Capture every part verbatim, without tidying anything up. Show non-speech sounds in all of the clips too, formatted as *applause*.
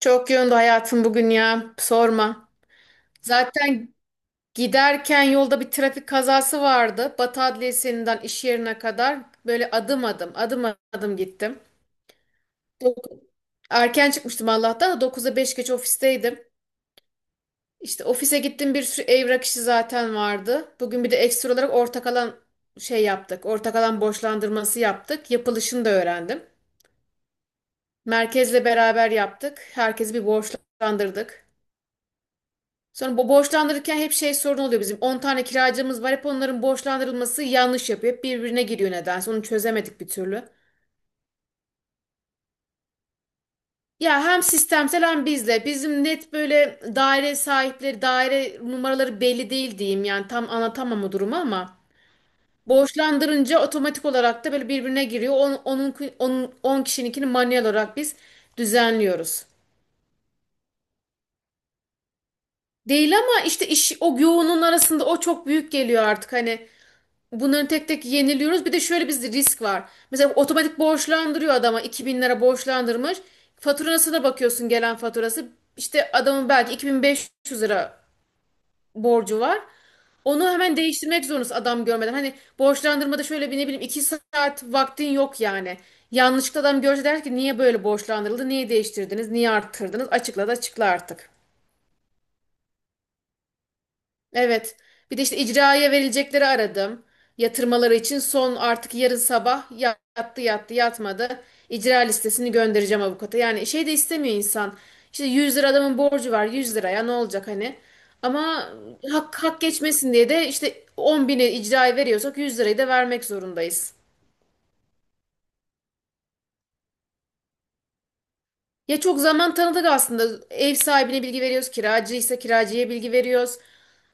Çok yoğundu hayatım bugün ya. Sorma. Zaten giderken yolda bir trafik kazası vardı. Batı Adliyesi'nden iş yerine kadar böyle adım adım adım adım gittim. Dok- Erken çıkmıştım Allah'tan da dokuza beş geç ofisteydim. İşte ofise gittim, bir sürü evrak işi zaten vardı. Bugün bir de ekstra olarak ortak alan şey yaptık. Ortak alan borçlandırması yaptık. Yapılışını da öğrendim. Merkezle beraber yaptık. Herkesi bir borçlandırdık. Sonra bu borçlandırırken hep şey sorun oluyor bizim. On tane kiracımız var. Hep onların borçlandırılması yanlış yapıyor. Hep birbirine giriyor nedense. Onu çözemedik bir türlü. Ya hem sistemsel hem bizle. Bizim net böyle daire sahipleri, daire numaraları belli değil diyeyim. Yani tam anlatamam o durumu ama borçlandırınca otomatik olarak da böyle birbirine giriyor. On, onun, onun, on kişininkini manuel olarak biz düzenliyoruz. Değil ama işte iş, o yoğunluğun arasında o çok büyük geliyor artık, hani bunların tek tek yeniliyoruz. Bir de şöyle bir risk var. Mesela otomatik borçlandırıyor, adama iki bin lira borçlandırmış. Faturasına bakıyorsun, gelen faturası. İşte adamın belki iki bin beş yüz lira borcu var. Onu hemen değiştirmek zorundasın adam görmeden. Hani borçlandırmada şöyle bir, ne bileyim, iki saat vaktin yok yani. Yanlışlıkla adam görse der ki niye böyle borçlandırıldı, niye değiştirdiniz, niye arttırdınız? Açıkla da açıkla artık. Evet. Bir de işte icraya verilecekleri aradım. Yatırmaları için son, artık yarın sabah yattı yattı, yatmadı. İcra listesini göndereceğim avukata. Yani şey de istemiyor insan. İşte yüz lira adamın borcu var, yüz liraya ne olacak hani. Ama hak, hak geçmesin diye de işte on bini icraya veriyorsak yüz lirayı da vermek zorundayız. Ya çok zaman tanıdık aslında. Ev sahibine bilgi veriyoruz, kiracıysa kiracıya bilgi veriyoruz.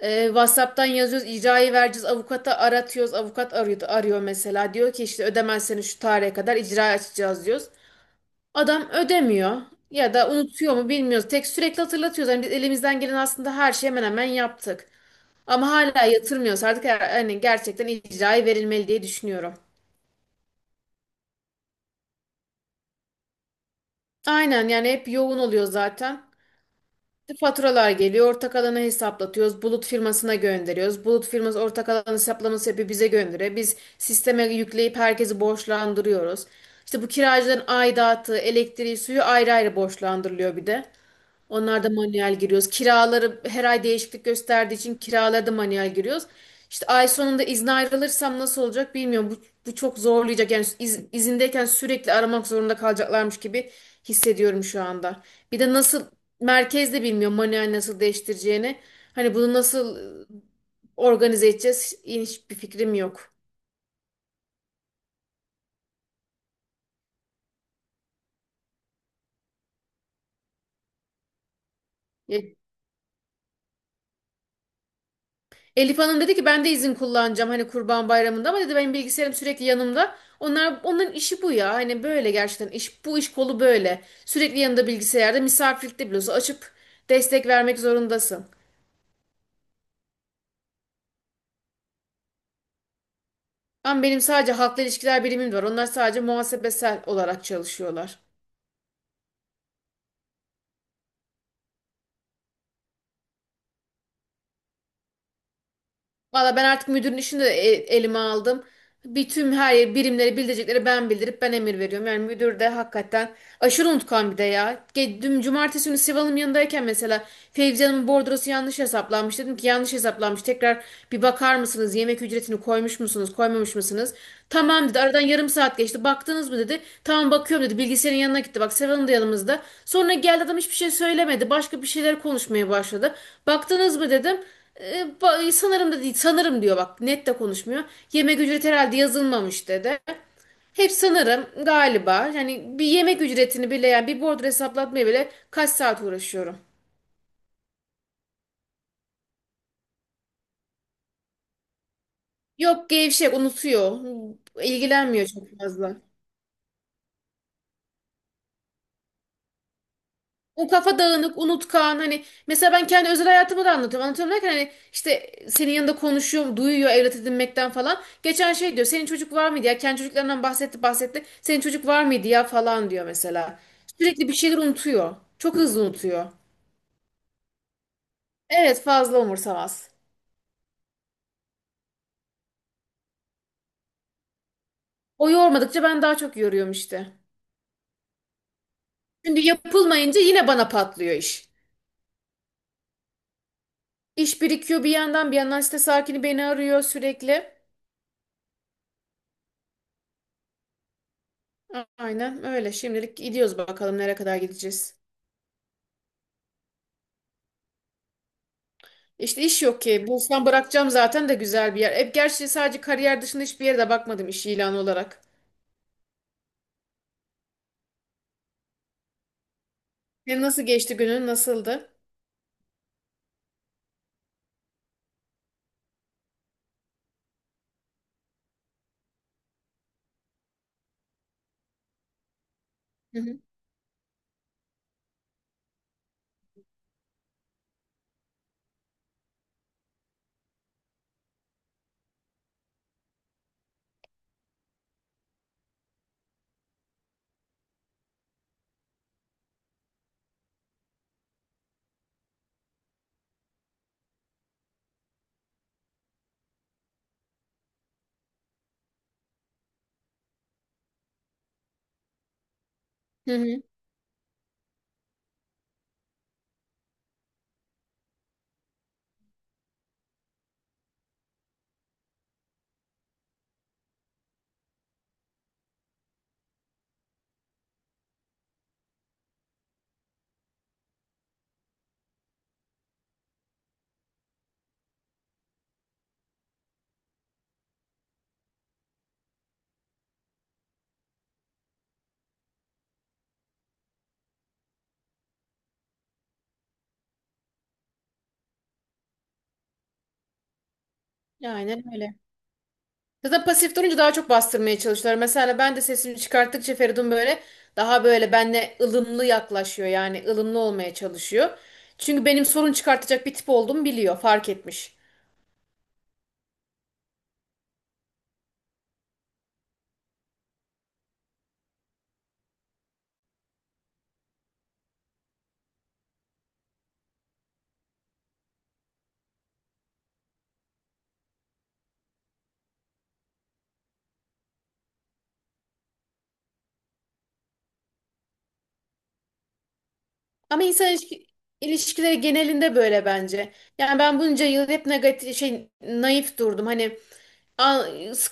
Ee, WhatsApp'tan yazıyoruz, icrayı vereceğiz, avukata aratıyoruz. Avukat arıyor, arıyor mesela. Diyor ki işte ödemezseniz şu tarihe kadar icra açacağız diyoruz. Adam ödemiyor ya da unutuyor mu bilmiyoruz. Tek sürekli hatırlatıyoruz. Yani biz elimizden gelen aslında her şeyi hemen hemen yaptık. Ama hala yatırmıyoruz. Artık yani gerçekten icrayı verilmeli diye düşünüyorum. Aynen yani, hep yoğun oluyor zaten. Faturalar geliyor, ortak alanı hesaplatıyoruz, bulut firmasına gönderiyoruz. Bulut firması ortak alanı hesaplaması yapıyor, bize gönderiyor. Biz sisteme yükleyip herkesi borçlandırıyoruz. İşte bu kiracıların aidatı, elektriği, suyu ayrı ayrı borçlandırılıyor bir de. Onlarda manuel giriyoruz. Kiraları her ay değişiklik gösterdiği için kiralarda manuel giriyoruz. İşte ay sonunda izne ayrılırsam nasıl olacak bilmiyorum. Bu, bu çok zorlayacak. Yani iz- izindeyken sürekli aramak zorunda kalacaklarmış gibi hissediyorum şu anda. Bir de nasıl merkezde bilmiyorum manuel nasıl değiştireceğini. Hani bunu nasıl, e, organize edeceğiz? Hiçbir fikrim yok. Elif Hanım dedi ki ben de izin kullanacağım hani Kurban Bayramı'nda, ama dedi benim bilgisayarım sürekli yanımda. Onlar, onların işi bu ya. Hani böyle gerçekten iş, bu iş kolu böyle. Sürekli yanında bilgisayarda, misafirlikte bile olsa açıp destek vermek zorundasın. Ama benim sadece halkla ilişkiler birimim var. Onlar sadece muhasebesel olarak çalışıyorlar. Valla ben artık müdürün işini de e- elime aldım. Bir tüm her yer- birimleri bildirecekleri ben bildirip ben emir veriyorum. Yani müdür de hakikaten aşırı unutkan bir de ya. Ge- Dün cumartesi günü Sival'ın yanındayken mesela Fevzi Hanım'ın bordrosu yanlış hesaplanmış. Dedim ki yanlış hesaplanmış. Tekrar bir bakar mısınız? Yemek ücretini koymuş musunuz? Koymamış mısınız? Tamam dedi. Aradan yarım saat geçti. Baktınız mı dedi. Tamam, bakıyorum dedi. Bilgisayarın yanına gitti. Bak Sival'ın da yanımızda. Sonra geldi adam, hiçbir şey söylemedi. Başka bir şeyler konuşmaya başladı. Baktınız mı dedim. E, ba- sanırım da değil, sanırım diyor, bak net de konuşmuyor. Yemek ücreti herhalde yazılmamış dedi. Hep sanırım, galiba, yani bir yemek ücretini bile, yani bir bordro hesaplatmaya bile kaç saat uğraşıyorum. Yok, gevşek, unutuyor. İlgilenmiyor çok fazla. O kafa dağınık, unutkan, hani mesela ben kendi özel hayatımı da anlatıyorum. Anlatıyorum derken hani işte senin yanında konuşuyor, duyuyor evlat edinmekten falan. Geçen şey diyor, senin çocuk var mıydı ya? Kendi çocuklarından bahsetti bahsetti. Senin çocuk var mıydı ya falan diyor mesela. Sürekli bir şeyler unutuyor. Çok hızlı unutuyor. Evet, fazla umursamaz. O yormadıkça ben daha çok yoruyorum işte. Şimdi yapılmayınca yine bana patlıyor iş. İş birikiyor, bir yandan bir yandan site sakini beni arıyor sürekli. A- Aynen öyle. Şimdilik gidiyoruz, bakalım nereye kadar gideceğiz. İşte iş yok ki. Bulsam bırakacağım zaten de, güzel bir yer. Hep gerçi sadece kariyer dışında hiçbir yere de bakmadım iş ilanı olarak. Senin nasıl geçti günün? Nasıldı? Hı hı. Hı hı. Aynen öyle. Zaten pasif durunca daha çok bastırmaya çalışıyorlar. Mesela ben de sesimi çıkarttıkça Feridun böyle daha böyle benle ılımlı yaklaşıyor. Yani ılımlı olmaya çalışıyor. Çünkü benim sorun çıkartacak bir tip olduğumu biliyor. Fark etmiş. Ama insan ilişki- ilişkileri genelinde böyle bence. Yani ben bunca yıl hep negatif şey, naif durdum. Hani "Aa,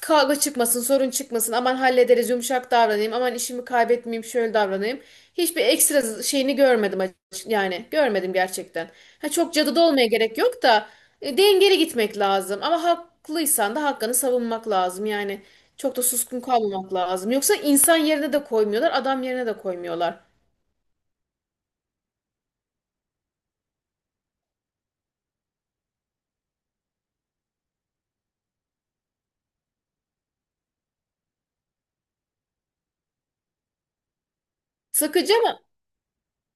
kavga çıkmasın, sorun çıkmasın. Aman hallederiz, yumuşak davranayım. Aman işimi kaybetmeyeyim, şöyle davranayım." Hiçbir ekstra şeyini görmedim açık- yani görmedim gerçekten. Ha, çok cadıda olmaya gerek yok da, e, dengeli gitmek lazım. Ama haklıysan da hakkını savunmak lazım. Yani çok da suskun kalmamak lazım. Yoksa insan yerine de koymuyorlar, adam yerine de koymuyorlar. Sıkıcı ama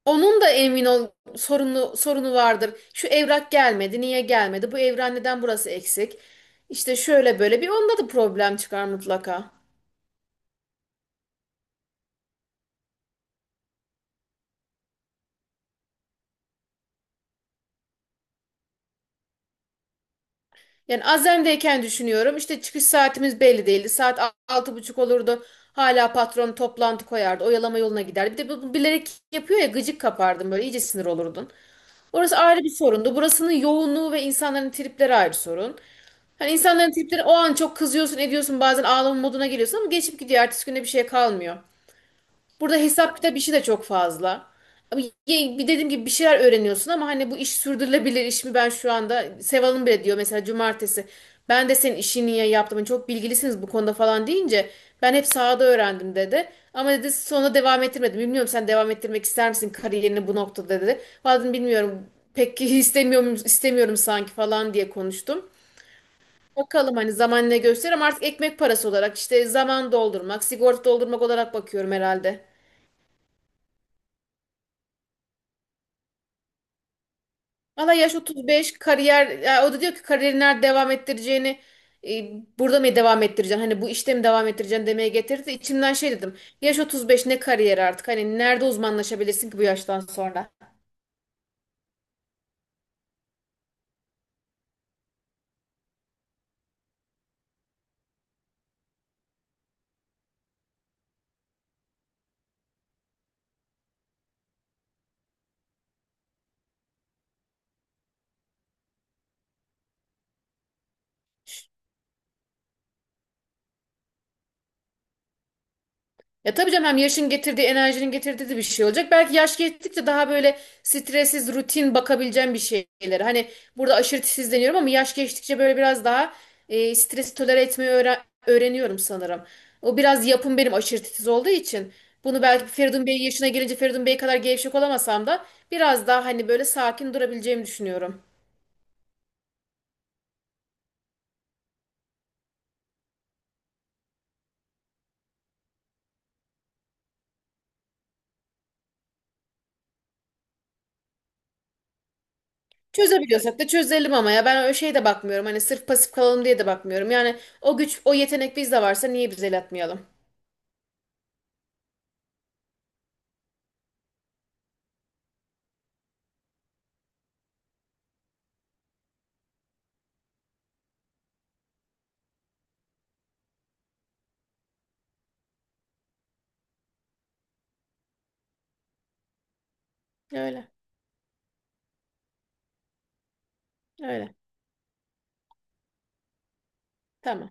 onun da emin ol sorunu sorunu vardır. Şu evrak gelmedi, niye gelmedi? Bu evrak neden, burası eksik? İşte şöyle böyle, bir onda da problem çıkar mutlaka. Yani Azem'deyken düşünüyorum, işte çıkış saatimiz belli değildi. Saat a- altı buçuk olurdu. Hala patron toplantı koyardı. Oyalama yoluna giderdi. Bir de bu bu bilerek yapıyor ya, gıcık kapardın böyle, iyice sinir olurdun. Orası ayrı bir sorundu. Burasının yoğunluğu ve insanların tripleri ayrı sorun. Hani insanların tripleri, o an çok kızıyorsun, ediyorsun, bazen ağlama moduna geliyorsun ama geçip gidiyor. Ertesi günde bir şey kalmıyor. Burada hesap kitap işi de çok fazla. Ama ye- bir dediğim gibi bir şeyler öğreniyorsun ama hani bu iş sürdürülebilir iş mi, ben şu anda Seval'ın bile diyor mesela cumartesi, ben de senin işini niye yaptım, hani çok bilgilisiniz bu konuda falan deyince, ben hep sahada öğrendim dedi, ama dedi sonra devam ettirmedim, bilmiyorum, sen devam ettirmek ister misin kariyerini bu noktada dedi. Vallahi dedim, bilmiyorum pek *laughs* istemiyorum, istemiyorum sanki falan diye konuştum. Bakalım hani zaman ne gösterir, ama artık ekmek parası olarak, işte zaman doldurmak, sigorta doldurmak olarak bakıyorum herhalde. Valla, yaş otuz beş, kariyer ya, o da diyor ki kariyerini nerede devam ettireceğini, e, burada mı devam ettireceksin, hani bu işte mi devam ettireceksin demeye getirdi. İçimden şey dedim, yaş otuz beş, ne kariyer artık, hani nerede uzmanlaşabilirsin ki bu yaştan sonra. Ya tabii canım, hem yaşın getirdiği, enerjinin getirdiği de bir şey olacak. Belki yaş geçtikçe daha böyle stressiz, rutin bakabileceğim bir şeyler. Hani burada aşırı deniyorum, ama yaş geçtikçe böyle biraz daha, e, stresi tolere etmeyi öğre- öğreniyorum sanırım. O biraz yapım benim, aşırı titiz olduğu için. Bunu belki Feridun Bey yaşına gelince, Feridun Bey kadar gevşek olamasam da biraz daha hani böyle sakin durabileceğimi düşünüyorum. Çözebiliyorsak da çözelim ama ya ben öyle şeye de bakmıyorum. Hani sırf pasif kalalım diye de bakmıyorum. Yani o güç, o yetenek bizde varsa niye biz el atmayalım? Öyle. Öyle. Tamam.